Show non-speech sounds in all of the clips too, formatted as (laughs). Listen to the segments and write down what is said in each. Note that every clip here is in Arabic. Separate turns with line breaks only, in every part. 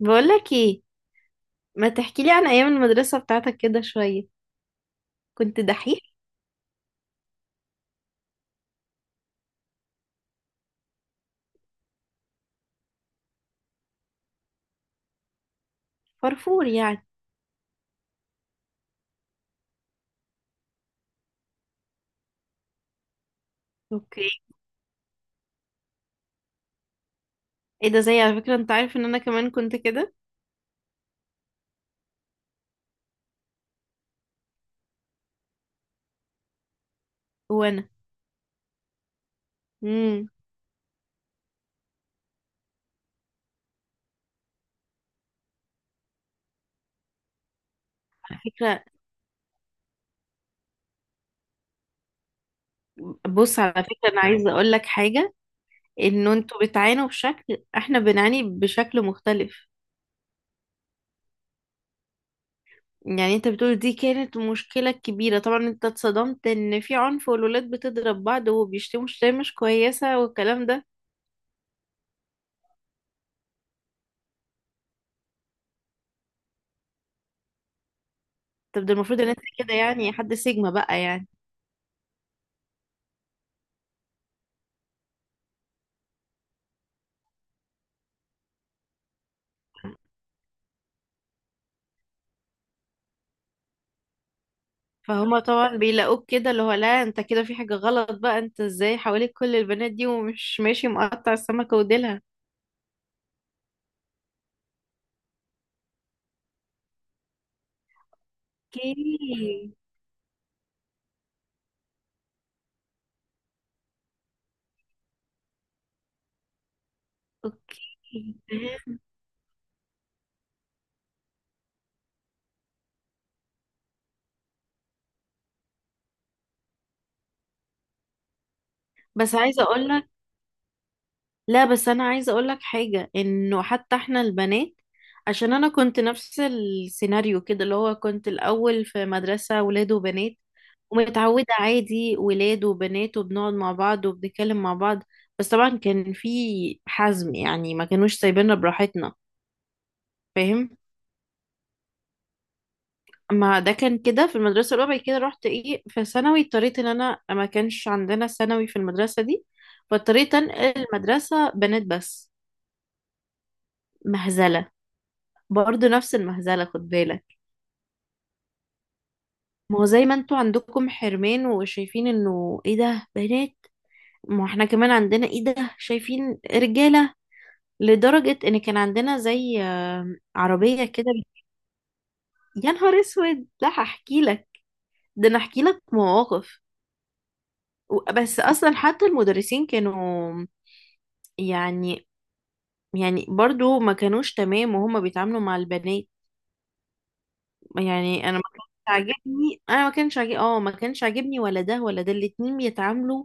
بقولك ايه، ما تحكيلي عن ايام المدرسة بتاعتك كده شوية. كنت دحيح؟ فرفور يعني. اوكي. ايه ده، زي على فكرة، انت عارف ان انا كمان كنت كده. وانا. امم على فكرة، بص، على فكرة انا عايزة اقولك حاجة، ان انتوا بتعانوا بشكل، احنا بنعاني بشكل مختلف. يعني انت بتقول دي كانت مشكلة كبيرة، طبعا انت اتصدمت ان في عنف والولاد بتضرب بعض وبيشتموا شتايم مش كويسة والكلام ده. طب ده المفروض ان انت كده يعني حد سيجما بقى يعني. فهما طبعا، بيلاقوك كده اللي هو لا انت كده في حاجة غلط بقى، انت ازاي حواليك كل البنات دي ومش ماشي مقطع السمكة وديلها. اوكي. اوكي. (laughs) بس عايزة اقولك، لا بس انا عايزة اقولك حاجة، انه حتى احنا البنات، عشان انا كنت نفس السيناريو كده اللي هو، كنت الاول في مدرسة ولاد وبنات، ومتعودة عادي ولاد وبنات وبنقعد مع بعض وبنتكلم مع بعض. بس طبعا كان في حزم يعني، ما كانوش سايبيننا براحتنا. فاهم؟ ما ده كان كده في المدرسة الأولى، بعد كده رحت إيه، في ثانوي اضطريت، إن أنا ما كانش عندنا ثانوي في المدرسة دي، فاضطريت أنقل المدرسة، بنات بس. مهزلة. برضه نفس المهزلة، خد بالك. ما هو زي ما انتوا عندكم حرمان وشايفين إنه إيه ده بنات، ما احنا كمان عندنا إيه ده، شايفين رجالة. لدرجة إن كان عندنا زي عربية كده. يا نهار أسود، لا هحكي لك، ده أنا هحكي لك مواقف. بس أصلا حتى المدرسين كانوا، يعني يعني برضو ما كانوش تمام وهما بيتعاملوا مع البنات. يعني انا ما كانش عاجبني، ما كانش عاجبني ولا ده ولا ده، الاتنين بيتعاملوا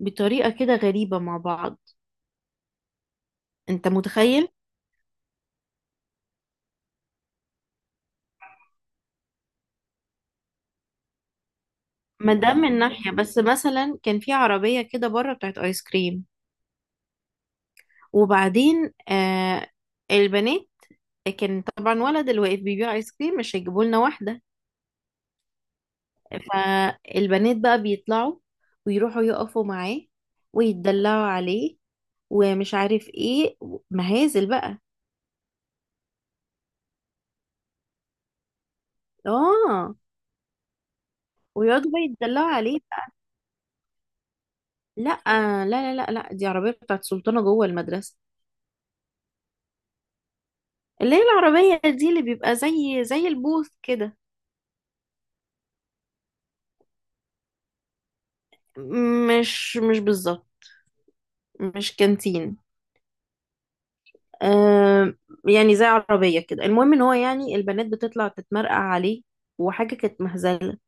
بطريقة كده غريبة مع بعض. انت متخيل؟ ما ده من ناحية. بس مثلا كان في عربية كده بره، بتاعت ايس كريم، وبعدين البنات، كان طبعا ولد اللي واقف بيبيع ايس كريم، مش هيجيبوا لنا واحدة. فالبنات بقى بيطلعوا ويروحوا يقفوا معاه ويتدلعوا عليه ومش عارف ايه، مهازل بقى. اه، ويقعدوا بقى يتدلعوا عليه بقى. لا لا لا لا لا، دي عربية بتاعت سلطانة جوه المدرسة، اللي هي العربية دي اللي بيبقى زي البوث كده. مش بالظبط، مش كانتين. آه، يعني زي عربية كده. المهم ان هو يعني البنات بتطلع تتمرقع عليه، وحاجة كانت مهزلة.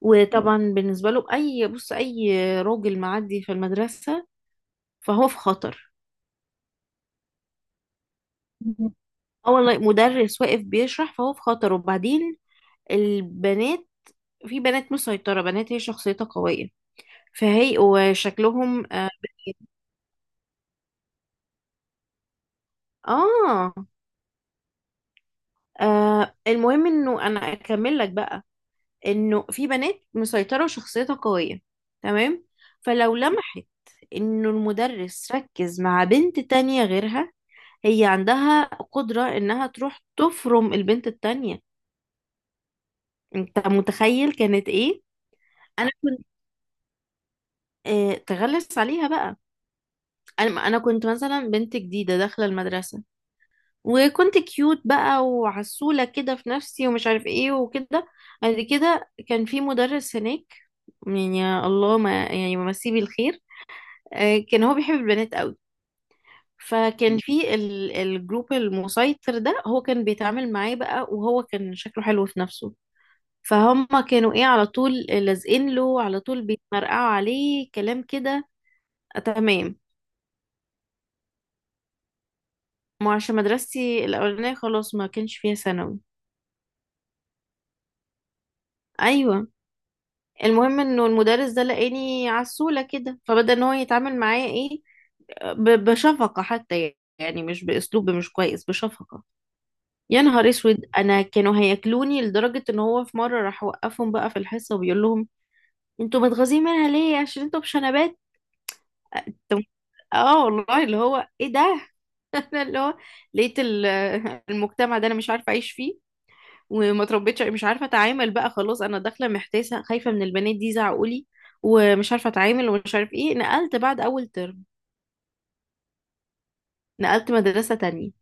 وطبعا بالنسبة له أي، بص، أي راجل معدي في المدرسة فهو في خطر. اه والله، مدرس واقف بيشرح فهو في خطر. وبعدين البنات، في بنات مسيطرة، بنات هي شخصيتها قوية، فهي وشكلهم اه. المهم انه انا اكمل لك بقى، انه في بنات مسيطرة وشخصيتها قوية، تمام؟ فلو لمحت انه المدرس ركز مع بنت تانية غيرها، هي عندها قدرة انها تروح تفرم البنت التانية. انت متخيل كانت ايه؟ انا كنت، آه، تغلس عليها بقى. انا كنت مثلا بنت جديده داخله المدرسه، وكنت كيوت بقى وعسوله كده في نفسي ومش عارف ايه وكده. بعد كده كان في مدرس هناك، يعني يا الله ما يعني مسيه بالخير، كان هو بيحب البنات قوي. فكان في الجروب المسيطر ده هو كان بيتعامل معاه بقى، وهو كان شكله حلو في نفسه، فهم كانوا ايه، على طول لازقين له، على طول بيتمرقعوا عليه كلام كده. تمام. ما عشان مدرستي الأولانية خلاص ما كانش فيها ثانوي. ايوه. المهم انه المدرس ده لقاني عسولة كده، فبدأ ان هو يتعامل معايا ايه، بشفقة. حتى يعني مش باسلوب مش كويس، بشفقة. يا نهار اسود، انا كانوا هياكلوني، لدرجة ان هو في مرة راح وقفهم بقى في الحصة وبيقول لهم: انتوا متغاظين منها ليه؟ عشان انتوا بشنبات. اه والله، اللي هو ايه ده. (laughs) انا اللي هو لقيت المجتمع ده انا مش عارفة اعيش فيه، وما تربيتش، مش عارفه اتعامل بقى. خلاص انا داخله محتاسه، خايفه من البنات دي، زعقولي ومش عارفه اتعامل ومش عارف ايه. نقلت بعد اول ترم، نقلت مدرسه تانية.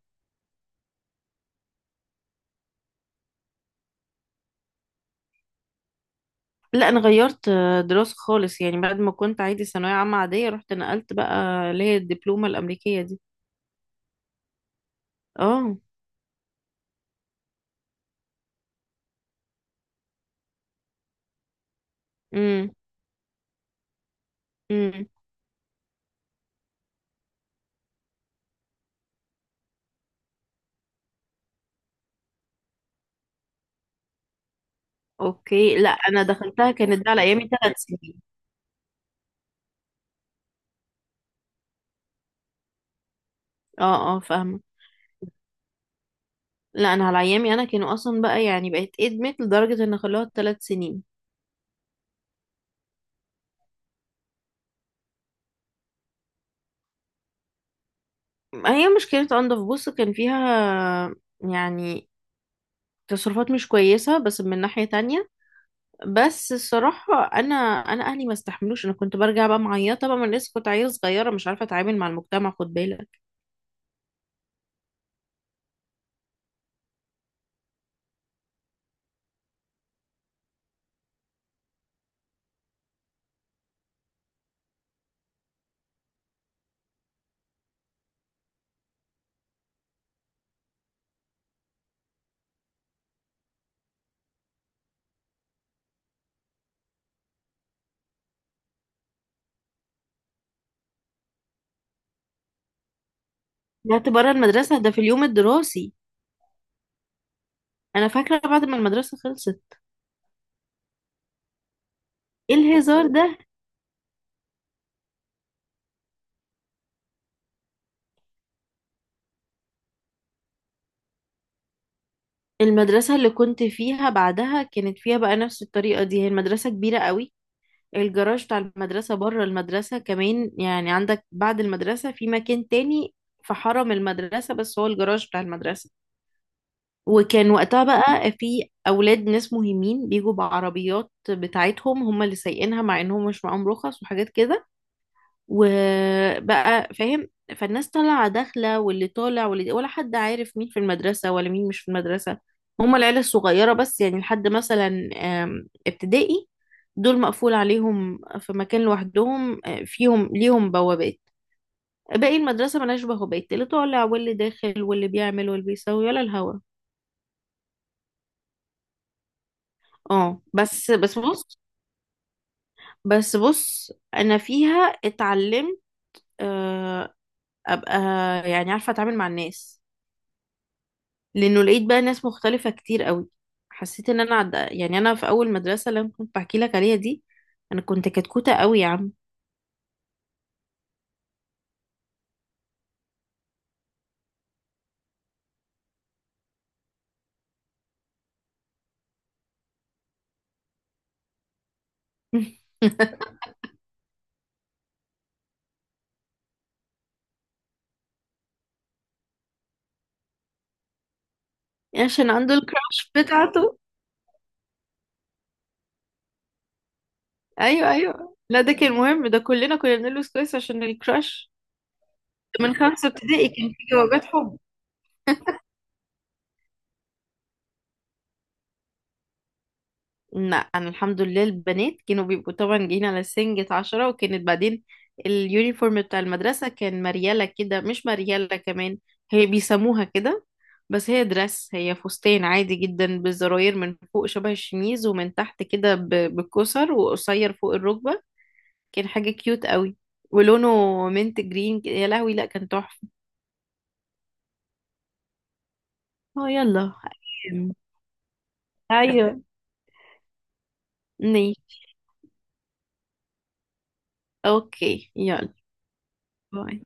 لا انا غيرت دراسه خالص يعني. بعد ما كنت عادي ثانويه عامه عاديه، رحت نقلت بقى اللي هي الدبلومه الامريكيه دي. اه. امم امم اوكي. لا انا دخلتها كانت ده على ايامي 3 سنين. اه اه فاهمه. لا انا على ايامي انا كانوا اصلا بقى يعني بقت ادمت لدرجه ان خلوها 3 سنين. ما هي مش كانت انضف، بص، كان فيها يعني تصرفات مش كويسة، بس من ناحية تانية. بس الصراحة أنا، أهلي ما استحملوش، أنا كنت برجع بقى معيطة بقى، من لسه كنت عيلة صغيرة مش عارفة أتعامل مع المجتمع، خد بالك. طلعت بره المدرسة ده في اليوم الدراسي؟ أنا فاكرة بعد ما المدرسة خلصت. إيه الهزار ده؟ المدرسة اللي كنت فيها بعدها كانت فيها بقى نفس الطريقة دي، هي المدرسة كبيرة قوي، الجراج بتاع المدرسة بره المدرسة كمان، يعني عندك بعد المدرسة في مكان تاني في حرم المدرسة بس هو الجراج بتاع المدرسة. وكان وقتها بقى في أولاد ناس مهمين بيجوا بعربيات بتاعتهم هم اللي سايقينها، مع إنهم مش معاهم رخص وحاجات كده. وبقى فاهم. فالناس طالعة داخلة، واللي طالع واللي، ولا حد عارف مين في المدرسة ولا مين مش في المدرسة. هما العيلة الصغيرة بس يعني، لحد مثلا ابتدائي، دول مقفول عليهم في مكان لوحدهم، فيهم ليهم بوابات. باقي المدرسة ملهاش بوابات، اللي طالع واللي داخل واللي بيعمل واللي بيسوي ولا الهوا. اه، بس بص. بص أنا فيها اتعلمت، آه، أبقى يعني عارفة أتعامل مع الناس، لانه لقيت بقى ناس مختلفة كتير قوي. حسيت ان انا عد... يعني انا في اول مدرسة اللي انا كنت بحكي لك عليها دي، انا كنت كتكوتة قوي يا عم. (laughs) عشان عنده الكراش بتاعته. ايوه ايوه، لا ده كان مهم، ده كلنا كنا بنلبس كويس عشان الكراش. من خمسة ابتدائي كان في جوابات حب. لا انا الحمد لله البنات كانوا بيبقوا طبعا جايين على سنجة عشرة. وكانت بعدين اليونيفورم بتاع المدرسة كان مريالة كده، مش مريالة كمان هي بيسموها كده، بس هي درس هي فستان عادي جدا، بالزراير من فوق شبه الشميز، ومن تحت كده بالكسر، وقصير فوق الركبة، كان حاجة كيوت قوي. ولونه منت جرين كده، يا لهوي لا كان تحفة. اه يلا. أيام. ايوه. ماشي. اوكي يلا. باي.